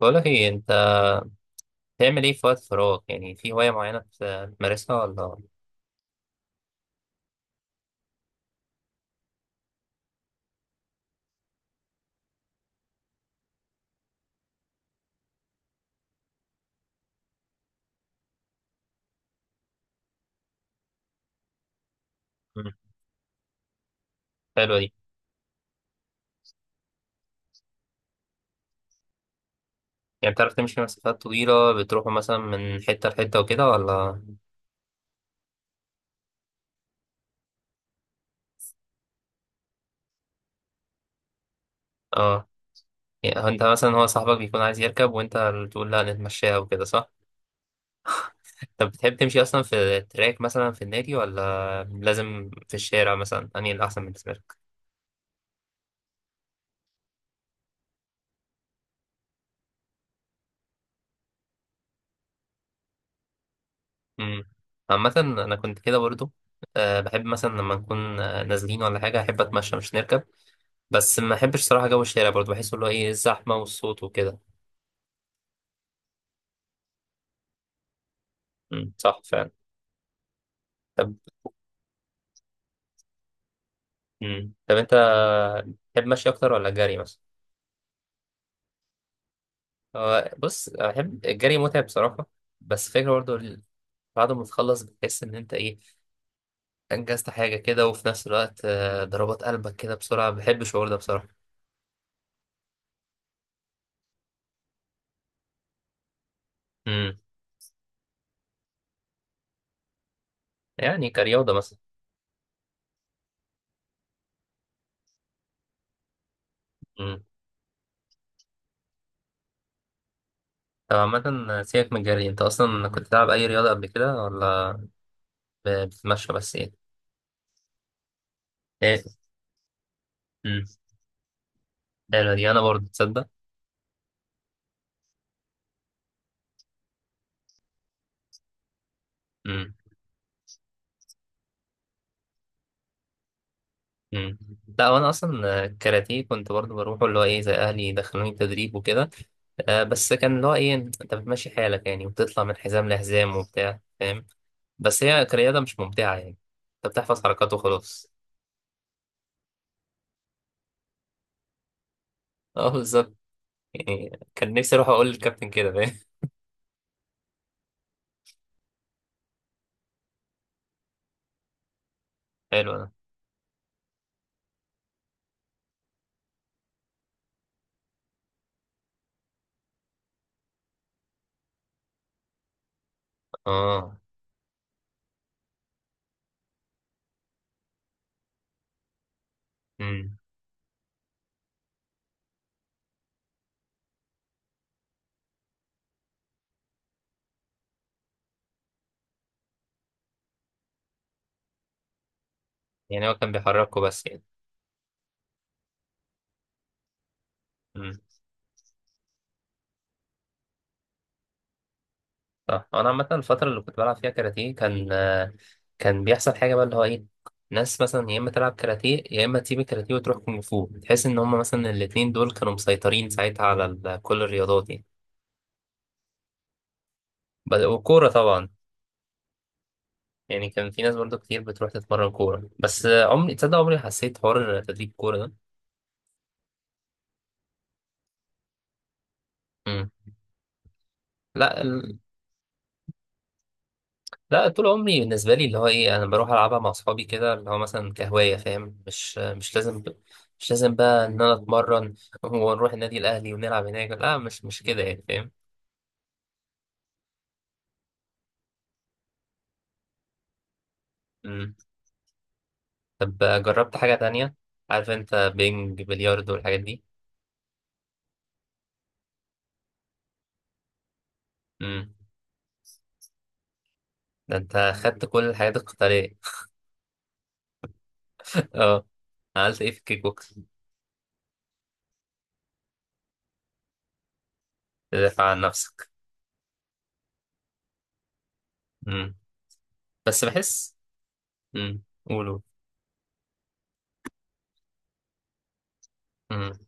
بقولك ايه انت بتعمل ايه في وقت فراغ؟ يعني في هواية معينة بتمارسها ولا؟ مم. حلوة دي. يعني بتعرف تمشي مسافات طويلة؟ بتروحوا مثلا من حتة لحتة وكده ولا؟ اه. يعني هو انت مثلا، هو صاحبك بيكون عايز يركب وانت اللي تقول لا نتمشاها وكده، صح؟ طب بتحب تمشي اصلا في تراك مثلا في النادي ولا لازم في الشارع؟ مثلا انهي الاحسن بالنسبة لك؟ امم. عامة انا كنت كده برضو. أه بحب مثلا لما نكون نازلين ولا حاجة أحب أتمشى مش نركب. بس ما احبش صراحة جو الشارع برضه، بحس اللي هو ايه، الزحمة والصوت وكده. امم، صح فعلا. طب، امم، طب انت تحب مشي اكتر ولا جري مثلا؟ هو بص، احب الجري متعب بصراحة. بس فكرة برضه بعد ما تخلص بتحس ان انت ايه، انجزت حاجة كده، وفي نفس الوقت ضربات قلبك كده بسرعة، بحب الشعور ده بصراحة. امم. يعني كرياضة مثلا. امم. طب عامة سيبك من الجري، انت اصلا كنت بتلعب اي رياضة قبل كده ولا بتتمشى بس؟ ايه. ايه. امم. حلوة دي، انا برضه تصدق. مم. مم. لا وانا اصلا كاراتيه كنت برضو بروحه، اللي هو ايه، زي اهلي دخلوني تدريب وكده. بس كان اللي هو ايه، انت بتمشي حالك يعني وبتطلع من حزام لحزام وبتاع، فاهم؟ بس هي كرياضه مش ممتعه يعني. انت بتحفظ حركات وخلاص. اه بالظبط. يعني كان نفسي اروح اقول للكابتن كده، فاهم؟ حلو ده. اه. امم. يعني هو كان بيحركه بس يعني. صح. انا عامه الفتره اللي كنت بلعب فيها كاراتيه كان. كان بيحصل حاجه بقى اللي هو ايه، ناس مثلا يا اما تلعب كاراتيه يا اما تسيب الكاراتيه وتروح كونغ فو. تحس ان هم مثلا الاتنين دول كانوا مسيطرين ساعتها على كل الرياضات يعني. والكوره طبعا. يعني كان في ناس برضو كتير بتروح تتمرن كوره. بس عمري تصدق، عمري حسيت حوار تدريب الكوره ده. مم. لا، لا طول عمري بالنسبه لي اللي هو ايه، انا بروح العبها مع اصحابي كده، اللي هو مثلا كهوايه، فاهم؟ مش لازم. مش لازم بقى ان انا اتمرن ونروح النادي الاهلي ونلعب هناك. لا، مش كده يعني، فاهم؟ مم. طب جربت حاجه تانية؟ عارف انت، بينج، بلياردو، والحاجات دي. امم. ده انت خدت كل الحاجات القتاليه. اه. عملت ايه في الكيك بوكس؟ تدافع عن نفسك. امم. بس بحس. امم، قولوا. امم،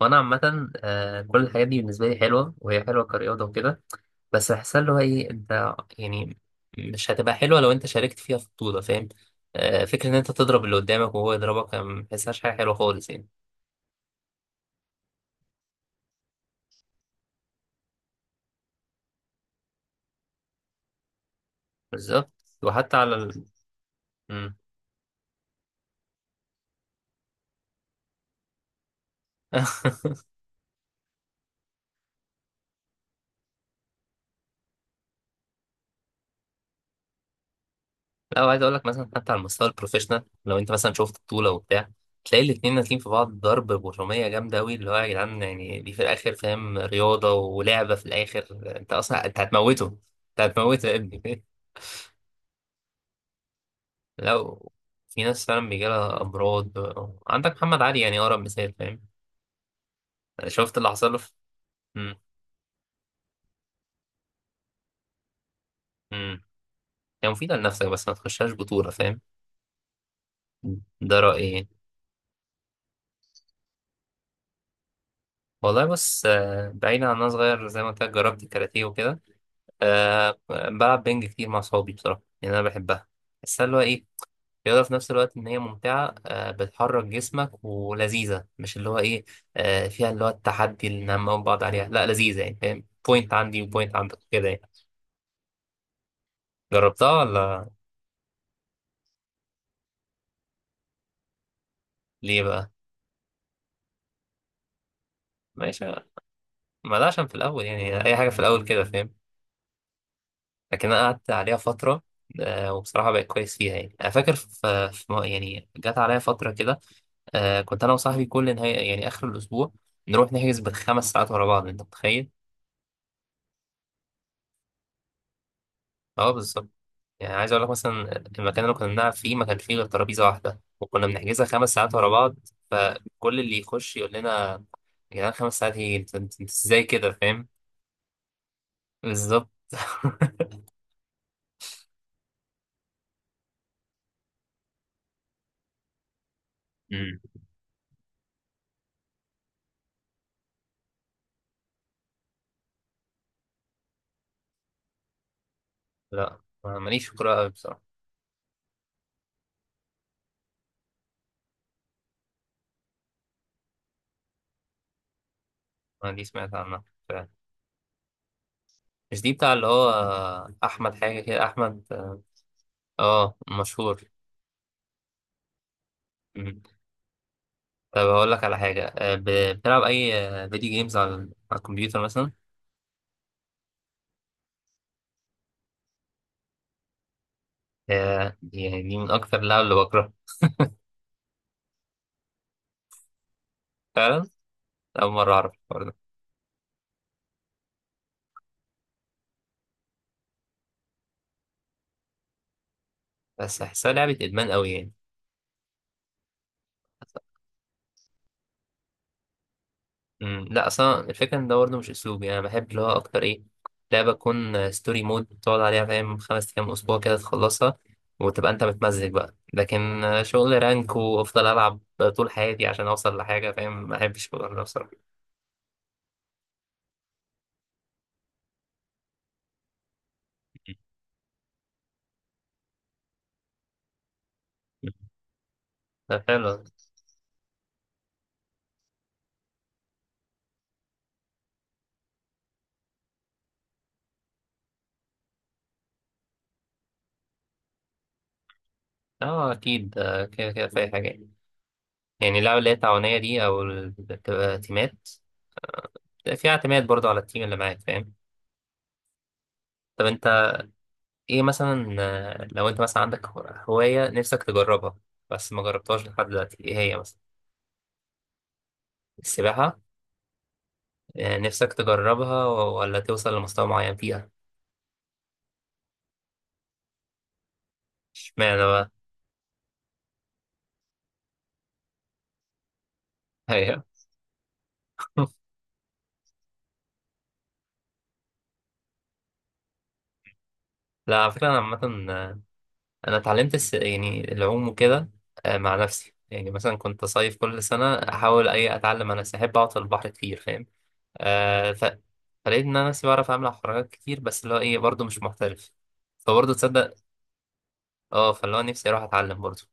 وانا عامه كل الحاجات دي بالنسبه لي حلوه، وهي حلوه كرياضه وكده. بس بحسها اللي هو ايه، انت يعني مش هتبقى حلوه لو انت شاركت فيها في بطوله، فاهم؟ فكره ان انت تضرب اللي قدامك وهو يضربك، أنا ما بحسهاش حاجه حلوه خالص يعني. بالظبط. وحتى على. مم. لا، وعايز اقول لك مثلا حتى على المستوى البروفيشنال، لو انت مثلا شفت بطوله وبتاع، تلاقي الاتنين نازلين في بعض ضرب برمية جامدة أوي، اللي هو يا جدعان يعني دي في الآخر، فاهم؟ رياضة ولعبة في الآخر. أنت أصلا أنت هتموته. أنت هتموته يا ابني. لو في ناس فعلا بيجيلها أمراض. عندك محمد علي يعني أقرب مثال، فاهم؟ شفت اللي حصل له في. مم. مم. هي مفيدة لنفسك بس ما تخشهاش بطولة، فاهم؟ ده رأيي يعني. والله بص، بعيدا عن أنا صغير زي ما قلت لك جربت الكاراتيه وكده، أه بلعب بينج كتير مع صحابي بصراحة لأن أنا بحبها. بس اللي هو إيه، رياضة في نفس الوقت إن هي ممتعة، أه بتحرك جسمك ولذيذة، مش اللي هو إيه، أه فيها اللي هو التحدي اللي نعمل بعض عليها. لا، لذيذة يعني، فاهم؟ بوينت عندي وبوينت عندك كده يعني. جربتها ولا؟ ليه بقى؟ ماشي. ما ده عشان في الاول يعني، اي حاجه في الاول كده، فاهم؟ لكن انا قعدت عليها فتره، وبصراحه بقيت كويس فيها يعني. انا فاكر يعني جت عليا فتره كده، كنت انا وصاحبي كل نهايه يعني اخر الاسبوع نروح نحجز بالخمس ساعات ورا بعض، انت متخيل؟ اه بالظبط. يعني عايز اقول لك مثلا المكان اللي كنا بنلعب فيه ما كان فيه غير ترابيزه واحده، وكنا بنحجزها 5 ساعات ورا بعض. فكل اللي يخش يقول لنا، يا جدعان 5 ساعات ايه، انت ازاي كده، فاهم؟ بالظبط. لا أنا ماليش في الكورة أوي بصراحة. أنا دي سمعت عنها فعلا. مش دي بتاع اللي هو، أحمد حاجة كده، أحمد. آه، مشهور. مم. طب هقول لك على حاجة. بتلعب أي فيديو جيمز على على الكمبيوتر مثلا؟ دي، يعني من أكتر اللعب اللي بكرهها. فعلا. أول مرة أعرف الحوار ده. بس أحسها لعبة إدمان أوي يعني. مم. لا اصلا الفكره ان ده برضه مش اسلوبي. انا بحب اللي هو اكتر ايه، لعبه تكون ستوري مود تقعد عليها، فاهم؟ 5 ايام، اسبوع كده، تخلصها وتبقى انت متمزج بقى. لكن شغل رانك وافضل العب طول حياتي عشان اوصل لحاجه، فاهم؟ ما بحبش الشغل ده بصراحه. ده حلو. اه اكيد. كده كده في اي حاجه يعني. يعني اللعبه اللي هي التعاونيه دي، او اللي بتبقى تيمات، فيها اعتماد برضه على التيم اللي معاك، فاهم؟ طب انت ايه مثلا، لو انت مثلا عندك هواية نفسك تجربها بس ما جربتهاش لحد دلوقتي، ايه هي مثلا؟ السباحة. نفسك تجربها ولا توصل لمستوى معين فيها؟ اشمعنى بقى؟ هي. لا، على فكرة انا عامة، انا اتعلمت يعني العوم وكده. مع نفسي يعني، مثلا كنت صيف كل سنة احاول اي اتعلم. انا احب اقعد في البحر كتير، فاهم؟ آه، ف... فلقيت ان انا نفسي بعرف اعمل حركات كتير، بس اللي هو ايه برضه مش محترف. فبرضه تصدق. اه، فاللي هو نفسي اروح اتعلم برضه.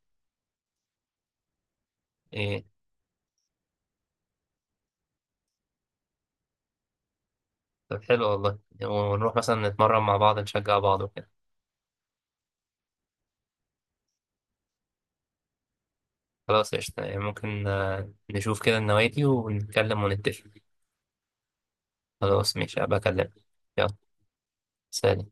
طب حلو والله. ونروح مثلا نتمرن مع بعض، نشجع بعض وكده. خلاص قشطة يعني. ممكن نشوف كده النوادي ونتكلم ونتفق. خلاص ماشي هبقى أكلمك. يلا. سلام.